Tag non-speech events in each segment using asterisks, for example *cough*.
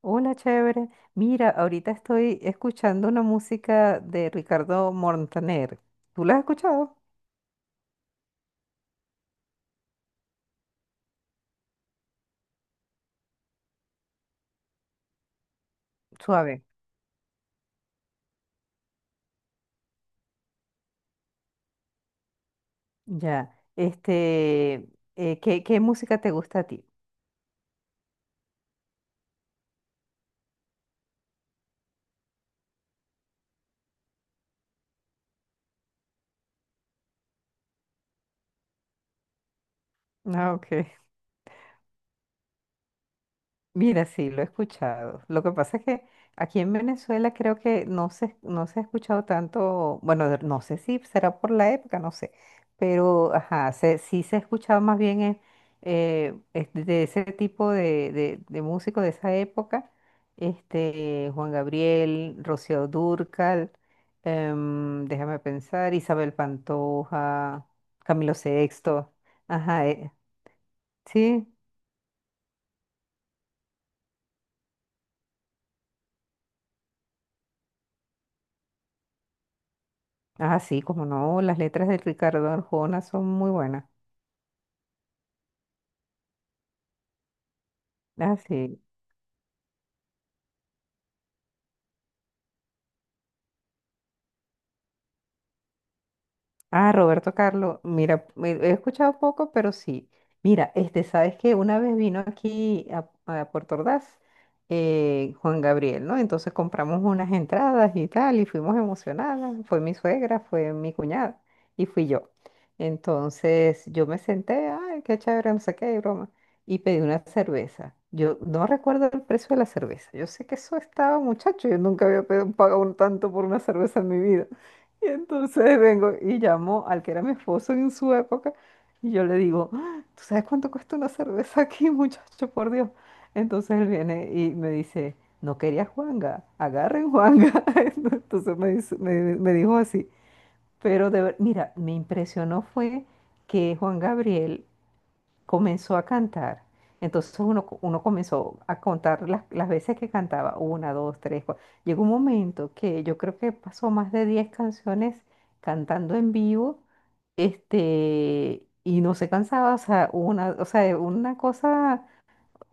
Hola, chévere. Mira, ahorita estoy escuchando una música de Ricardo Montaner. ¿Tú la has escuchado? Suave. Ya. Este, ¿qué música te gusta a ti? Ah, ok. Mira, sí, lo he escuchado. Lo que pasa es que aquí en Venezuela creo que no se ha escuchado tanto, bueno, no sé si será por la época, no sé, pero ajá, sí se ha escuchado más bien este, de ese tipo de músicos de esa época, este, Juan Gabriel, Rocío Dúrcal, déjame pensar, Isabel Pantoja, Camilo Sexto, ajá, sí. Ah, sí, como no, las letras de Ricardo Arjona son muy buenas. Ah, sí. Ah, Roberto Carlos, mira, he escuchado poco, pero sí. Mira, este, sabes que una vez vino a Puerto Ordaz Juan Gabriel, ¿no? Entonces compramos unas entradas y tal, y fuimos emocionadas. Fue mi suegra, fue mi cuñada y fui yo. Entonces yo me senté, ay, qué chévere, no sé qué, y broma, y pedí una cerveza. Yo no recuerdo el precio de la cerveza. Yo sé que eso estaba, muchacho, yo nunca había pagado un tanto por una cerveza en mi vida. *laughs* Y entonces vengo y llamo al que era mi esposo en su época y yo le digo, "Ah, ¿tú sabes cuánto cuesta una cerveza aquí, *laughs* muchacho? Por Dios. Entonces él viene y me dice, no quería Juanga, agarren Juanga". *laughs* Entonces me dijo así. Pero mira, me impresionó fue que Juan Gabriel comenzó a cantar. Entonces uno comenzó a contar las veces que cantaba, una, dos, tres, cuatro. Llegó un momento que yo creo que pasó más de 10 canciones cantando en vivo, este, y no se cansaba, o sea, una cosa,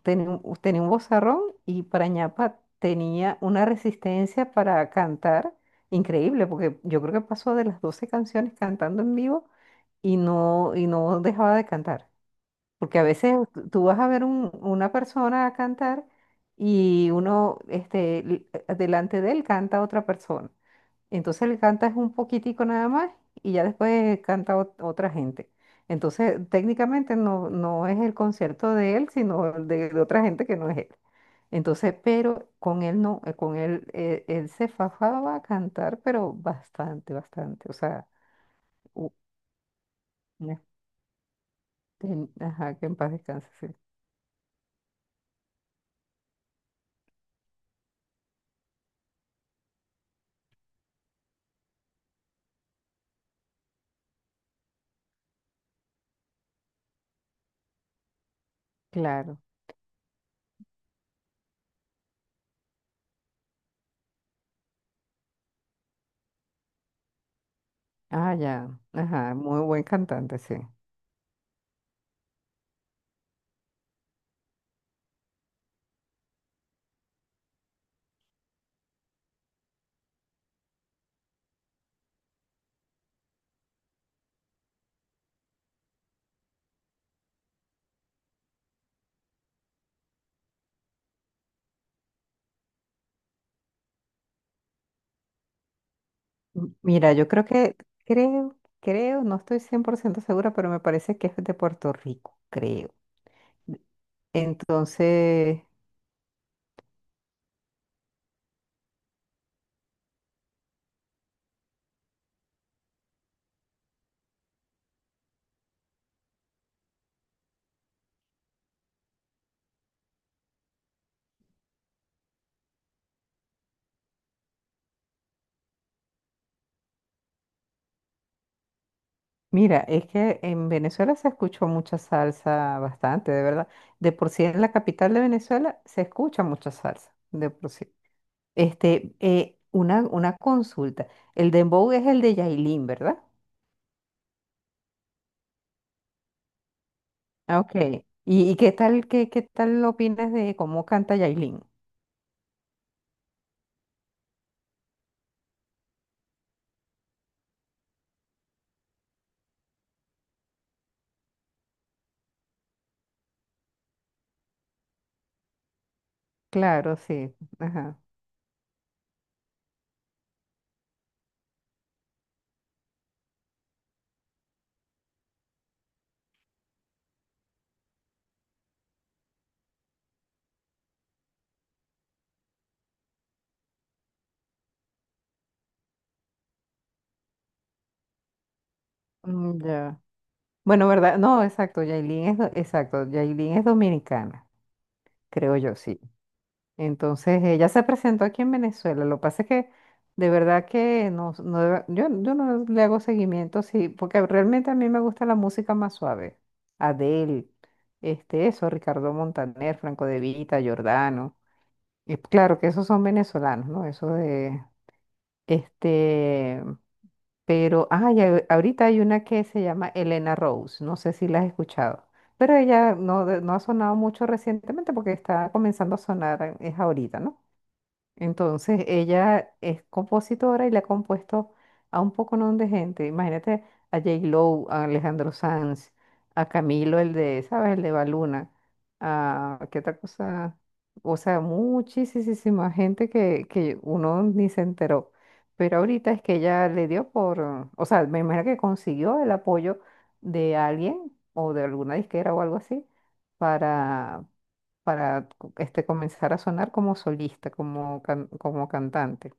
tenía un vozarrón y para ñapa tenía una resistencia para cantar increíble, porque yo creo que pasó de las 12 canciones cantando en vivo y no dejaba de cantar. Porque a veces tú vas a ver una persona cantar y uno, este, delante de él canta otra persona. Entonces le cantas un poquitico nada más y ya después canta otra gente. Entonces técnicamente no es el concierto de él, sino de otra gente que no es él. Entonces, pero con él no, con él, él se fajaba a cantar, pero bastante, bastante. O sea, u- una- ajá, que en paz descanse, sí. Claro. Ah, ya. Ajá, muy buen cantante, sí. Mira, yo creo que, creo, creo, no estoy 100% segura, pero me parece que es de Puerto Rico, creo. Entonces, mira, es que en Venezuela se escuchó mucha salsa, bastante, de verdad. De por sí en la capital de Venezuela se escucha mucha salsa, de por sí. Este, una consulta. El dembow es el de Yailin, ¿verdad? Ah, ok. Y qué tal, qué tal opinas de cómo canta Yailin? Claro, sí. Ajá. Mm, ya. Bueno, ¿verdad? No, exacto. Exacto. Yailin es dominicana, creo yo, sí. Entonces, ella se presentó aquí en Venezuela. Lo que pasa es que de verdad que yo no le hago seguimiento, sí, porque realmente a mí me gusta la música más suave. Adele, este, eso, Ricardo Montaner, Franco De Vita, Giordano. Y claro que esos son venezolanos, ¿no? Este, Pero, ah, ya ahorita hay una que se llama Elena Rose, no sé si la has escuchado, pero ella no, de- no ha sonado mucho recientemente porque está comenzando a sonar, es ahorita, ¿no? Entonces, ella es compositora y le ha compuesto a un poconón de gente. Imagínate a J-Lo, a Alejandro Sanz, a Camilo, el de, ¿sabes? El de Baluna, a qué otra cosa. O sea, muchísima gente que uno ni se enteró. Pero ahorita es que ella le dio por, o sea, me imagino que consiguió el apoyo de alguien o de alguna disquera o algo así para este, comenzar a sonar como solista, como cantante.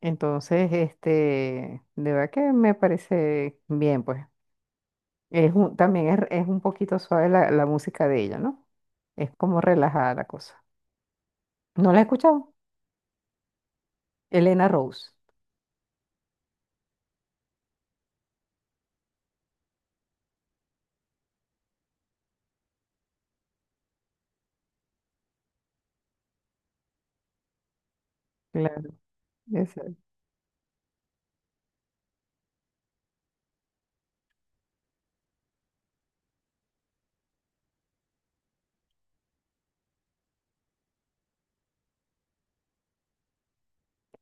Entonces, este, de verdad que me parece bien, pues. Es también es un poquito suave la, la música de ella, ¿no? Es como relajada la cosa. ¿No la he escuchado? Elena Rose. Claro, esa.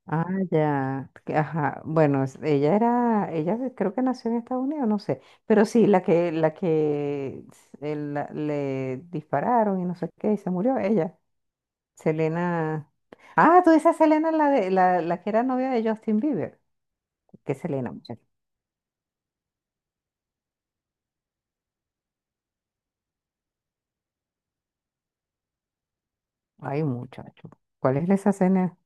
Ah, ya. Ajá. Bueno, ella era, ella creo que nació en Estados Unidos, no sé. Pero sí, la que le dispararon y no sé qué, y se murió ella. Selena. Ah, tú dices Selena, la que era novia de Justin Bieber. ¿Qué Selena, muchacho? Ay, muchacho. ¿Cuál es esa Selena?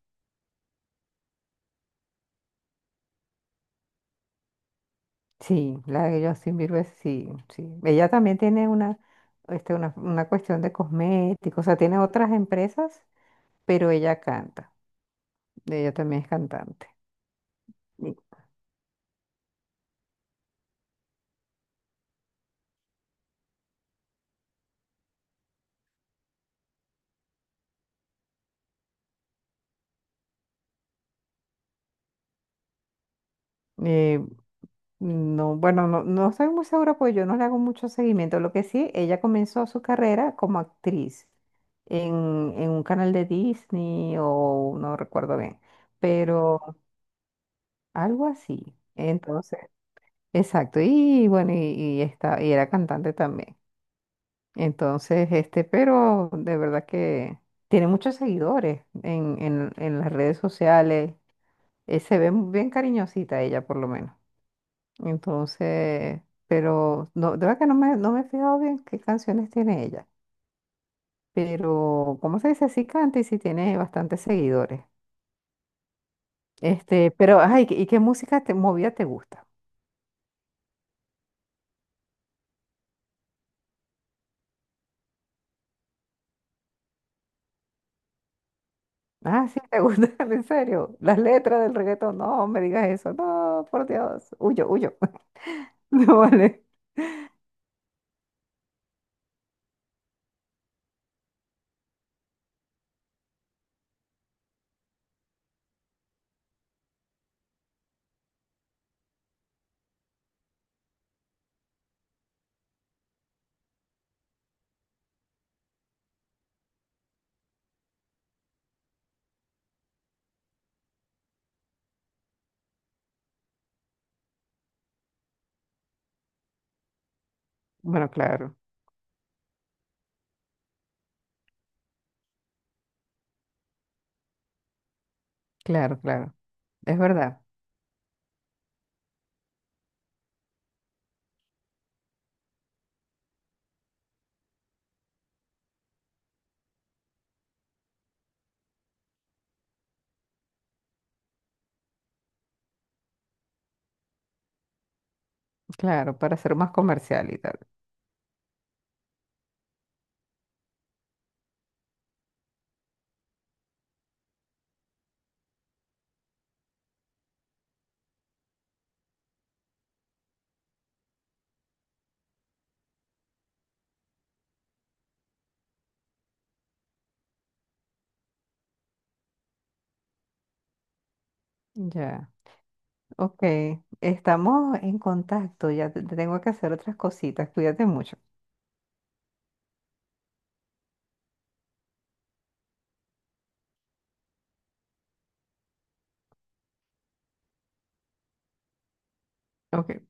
Sí, la de Justin Bieber, sí, sí. Ella también tiene una, este, una cuestión de cosméticos, o sea, tiene otras empresas, pero ella canta. Ella también es cantante. Sí. Eh, No, bueno, no estoy muy segura porque yo no le hago mucho seguimiento. Lo que sí, ella comenzó su carrera como actriz en, en un canal de Disney o no recuerdo bien, pero algo así. Entonces, exacto. Y bueno, y está, y era cantante también. Entonces, este, pero de verdad que tiene muchos seguidores en las redes sociales. Eh, se ve bien cariñosita ella, por lo menos. Entonces, pero no, de verdad que no me he fijado bien qué canciones tiene ella. Pero, ¿cómo se dice? Sí canta y sí tiene bastantes seguidores. Este, pero, ay, ¿y qué música movida te gusta? Ah, sí, te gusta, *laughs* en serio. Las letras del reggaetón, no me digas eso, no, por Dios, huyo, huyo. *laughs* No vale. Bueno, claro. Es verdad, claro, para ser más comercial y tal. Ya, ok. Estamos en contacto, tengo que hacer otras cositas, cuídate mucho. Ok.